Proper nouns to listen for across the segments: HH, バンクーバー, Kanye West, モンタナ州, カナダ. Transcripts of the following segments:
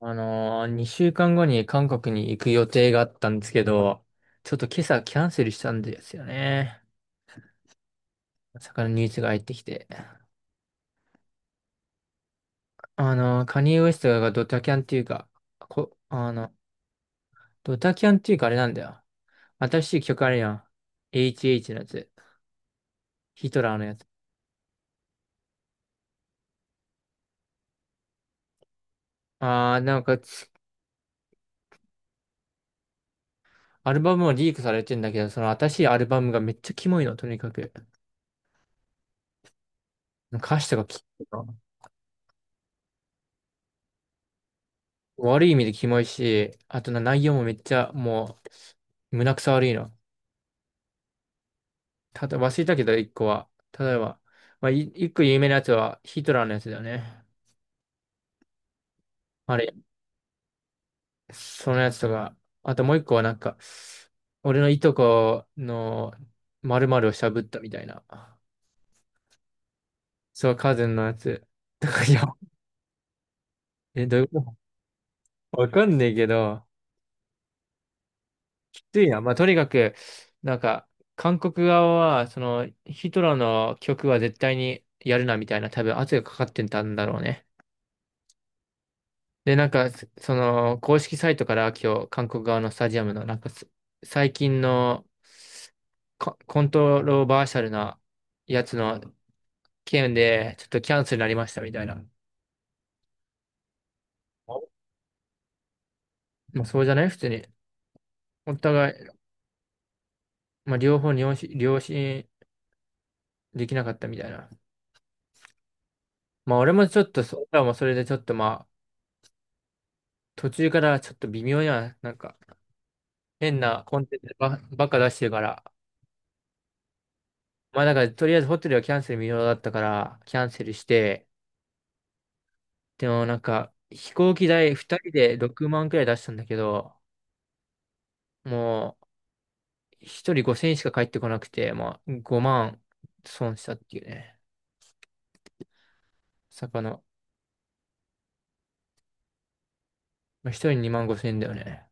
2週間後に韓国に行く予定があったんですけど、ちょっと今朝キャンセルしたんですよね。まさかのニュースが入ってきて。カニエ・ウエストがドタキャンっていうか、こ、あの、ドタキャンっていうかあれなんだよ。新しい曲あるやん。HH のやつ。ヒトラーのやつ。あー、なんかつ、アルバムもリークされてんだけど、その新しいアルバムがめっちゃキモいの、とにかく。歌詞とか悪い意味でキモいし、あとな内容もめっちゃもう、胸くそ悪いの。ただ、忘れたけど、一個は。例えば、まあ、一個有名なやつはヒトラーのやつだよね。あれ、そのやつとか、あともう一個はなんか、俺のいとこの〇〇をしゃぶったみたいな。そう、カズンのやつ。とか、いや、え、どういうことわかんねえけど、きついな。まあ、とにかく、なんか、韓国側は、その、ヒトラーの曲は絶対にやるなみたいな、多分圧がかかってたんだろうね。で、なんか、その、公式サイトから今日、韓国側のスタジアムの、なんかす、最近のコントロバーシャルなやつの件で、ちょっとキャンセルになりましたみたいな。まあ、そうじゃない普通に。お互い、まあ、両方に良心できなかったみたいな。まあ、俺もちょっと俺らもそれでちょっとまあ、途中からちょっと微妙な、なんか、変なコンテンツばっか出してるから。まあ、だから、とりあえずホテルはキャンセル無料だったから、キャンセルして、でもなんか、飛行機代2人で6万くらい出したんだけど、もう1人5千円しか返ってこなくて、まあ5万損したっていうね。魚。まあ、1人2万5千円だよね。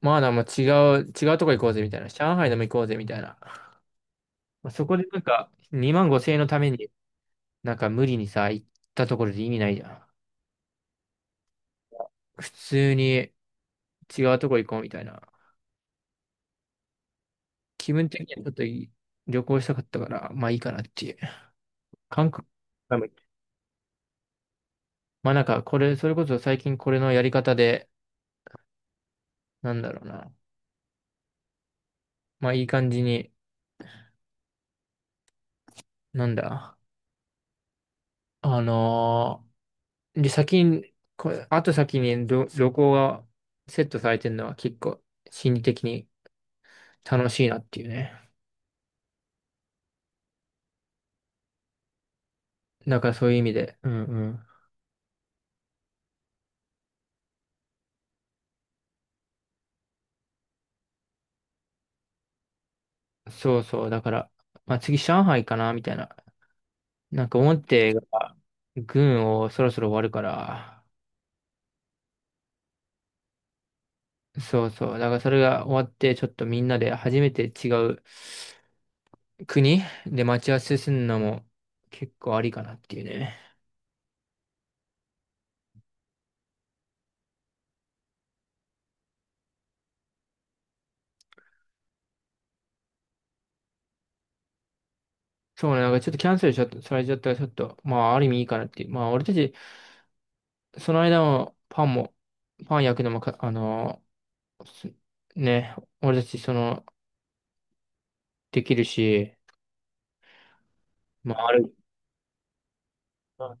まあ、もう違うとこ行こうぜみたいな。上海でも行こうぜみたいな。まあ、そこでなんか2万5千円のために、なんか無理にさ、行ったところで意味ないじゃん。普通に違うとこ行こうみたいな。気分的にはちょっといい旅行したかったから、まあいいかなっていう。韓国まあなんか、これ、それこそ最近これのやり方で、なんだろうな。まあいい感じに、なんだ。あのーで、先に、これ、あと先に旅行がセットされてるのは結構心理的に楽しいなっていうね。だからそういう意味で、うんうん。そうそう、だから、まあ次上海かな、みたいな。なんか思ってが、軍をそろそろ終わるから、そうそう。だからそれが終わって、ちょっとみんなで初めて違う国で待ち合わせするのも結構ありかなっていうね。そうね、なんかちょっとキャンセルしちゃった、されちゃったらちょっと、まあある意味いいかなっていう。まあ俺たち、その間もパンも、パン焼くのもか、あのーすね、俺たちその、できるし、まあある、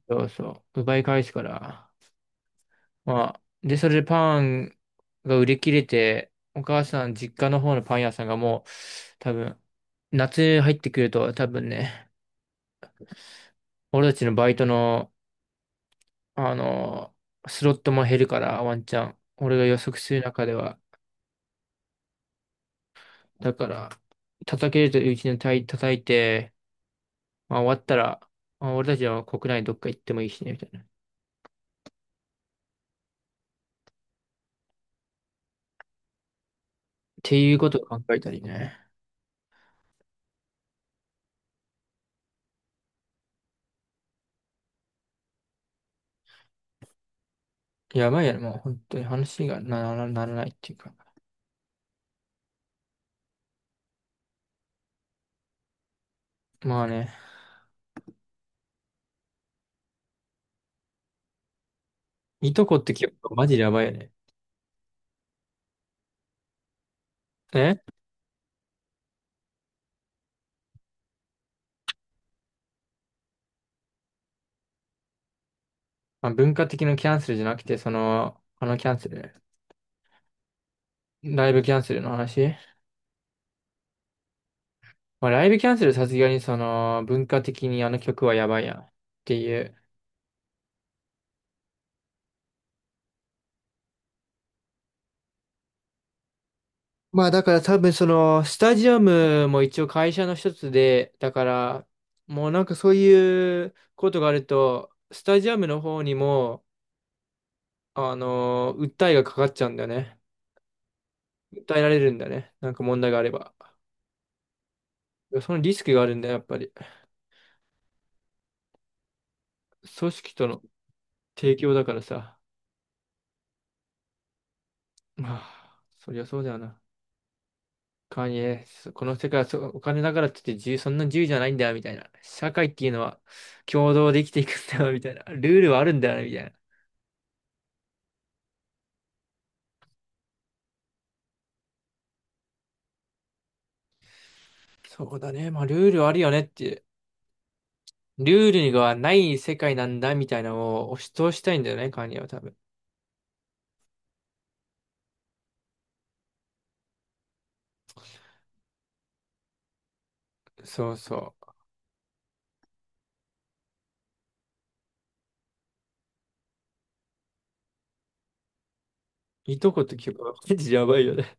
そうそう、奪い返すから。まあ、で、それでパンが売り切れて、お母さん実家の方のパン屋さんがもう、多分、夏入ってくると多分ね、俺たちのバイトのあの、スロットも減るから、ワンチャン。俺が予測する中では。だから、叩けるといううちに叩いて、まあ、終わったら、まあ、俺たちは国内どっか行ってもいいしね、みたいな。っていうことを考えたりね。やばいやろ、もう本当に話がならないっていうか。まあね、いとこって結構マジでやばいよね。え、まあ、文化的なキャンセルじゃなくて、その、あのキャンセル。ライブキャンセルの話。まあ、ライブキャンセルさすがにその文化的にあの曲はやばいやんっていう。まあだから多分そのスタジアムも一応会社の一つで、だからもうなんかそういうことがあると、スタジアムの方にも、訴えがかかっちゃうんだよね。訴えられるんだよね。なんか問題があれば。そのリスクがあるんだよ、やっぱり。組織との提供だからさ。まあ、そりゃそうだよな。カニエ、そこの世界はそうお金だからって言って自由、そんな自由じゃないんだよ、みたいな。社会っていうのは共同で生きていくんだよ、みたいな。ルールはあるんだよ、みたいな。そうだね。まあ、ルールあるよねって。ルールがない世界なんだみたいなのを押し通したいんだよね、カニは多分。そうそう。いとこと曲は、マジやばいよね。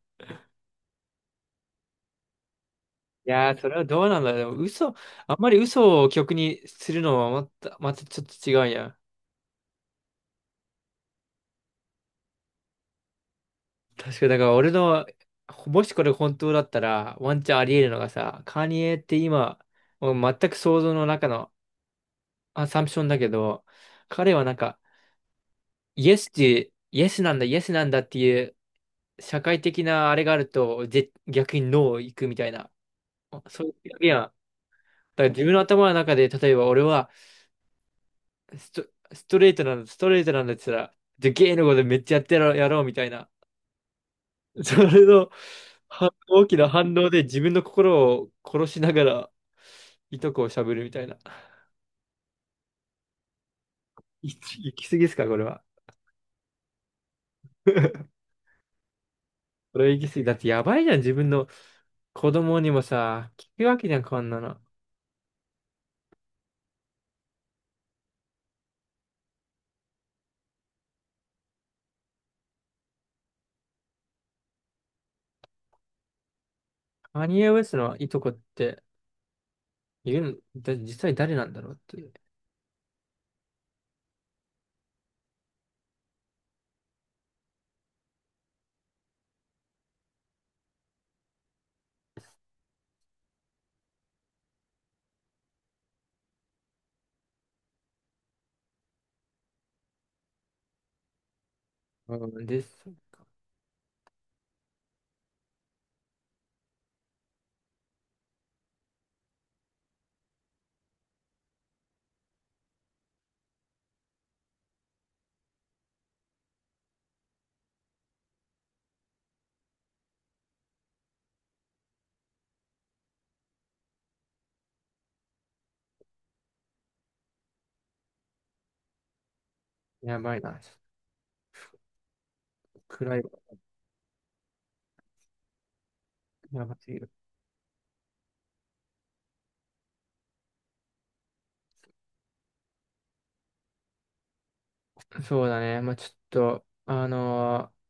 いやー、それはどうなんだろう。でも嘘、あんまり嘘を曲にするのはまた、またちょっと違うやん。確かに、だから俺の、もしこれ本当だったら、ワンチャンあり得るのがさ、カニエって今、もう全く想像の中のアサンプションだけど、彼はなんか、イエスって、イエスなんだ、イエスなんだっていう、社会的なあれがあると、逆にノー行くみたいな。そういう表現は、だから自分の頭の中で、例えば俺はスト、ストレートなんだ、ストレートなんだって言ったら、じゃあゲイのことめっちゃやってやろう、やろうみたいな。それのは大きな反応で自分の心を殺しながら、いとこをしゃぶるみたいな。行き過ぎですか、これは。これは行き過ぎ。だってやばいじゃん、自分の子供にもさ、聞くわけじゃん、こんなの。カニエ・ウェスのいとこって、いるのだ、実際誰なんだろうっていう。うん、です。やばいな。ちょっと暗いわ。やばすぎる。そうだね。まあ、ちょっと、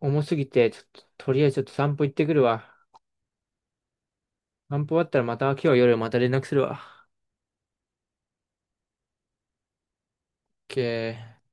重すぎて、ちょっと、とりあえずちょっと散歩行ってくるわ。散歩終わったらまた今日夜また連絡するわ。OK。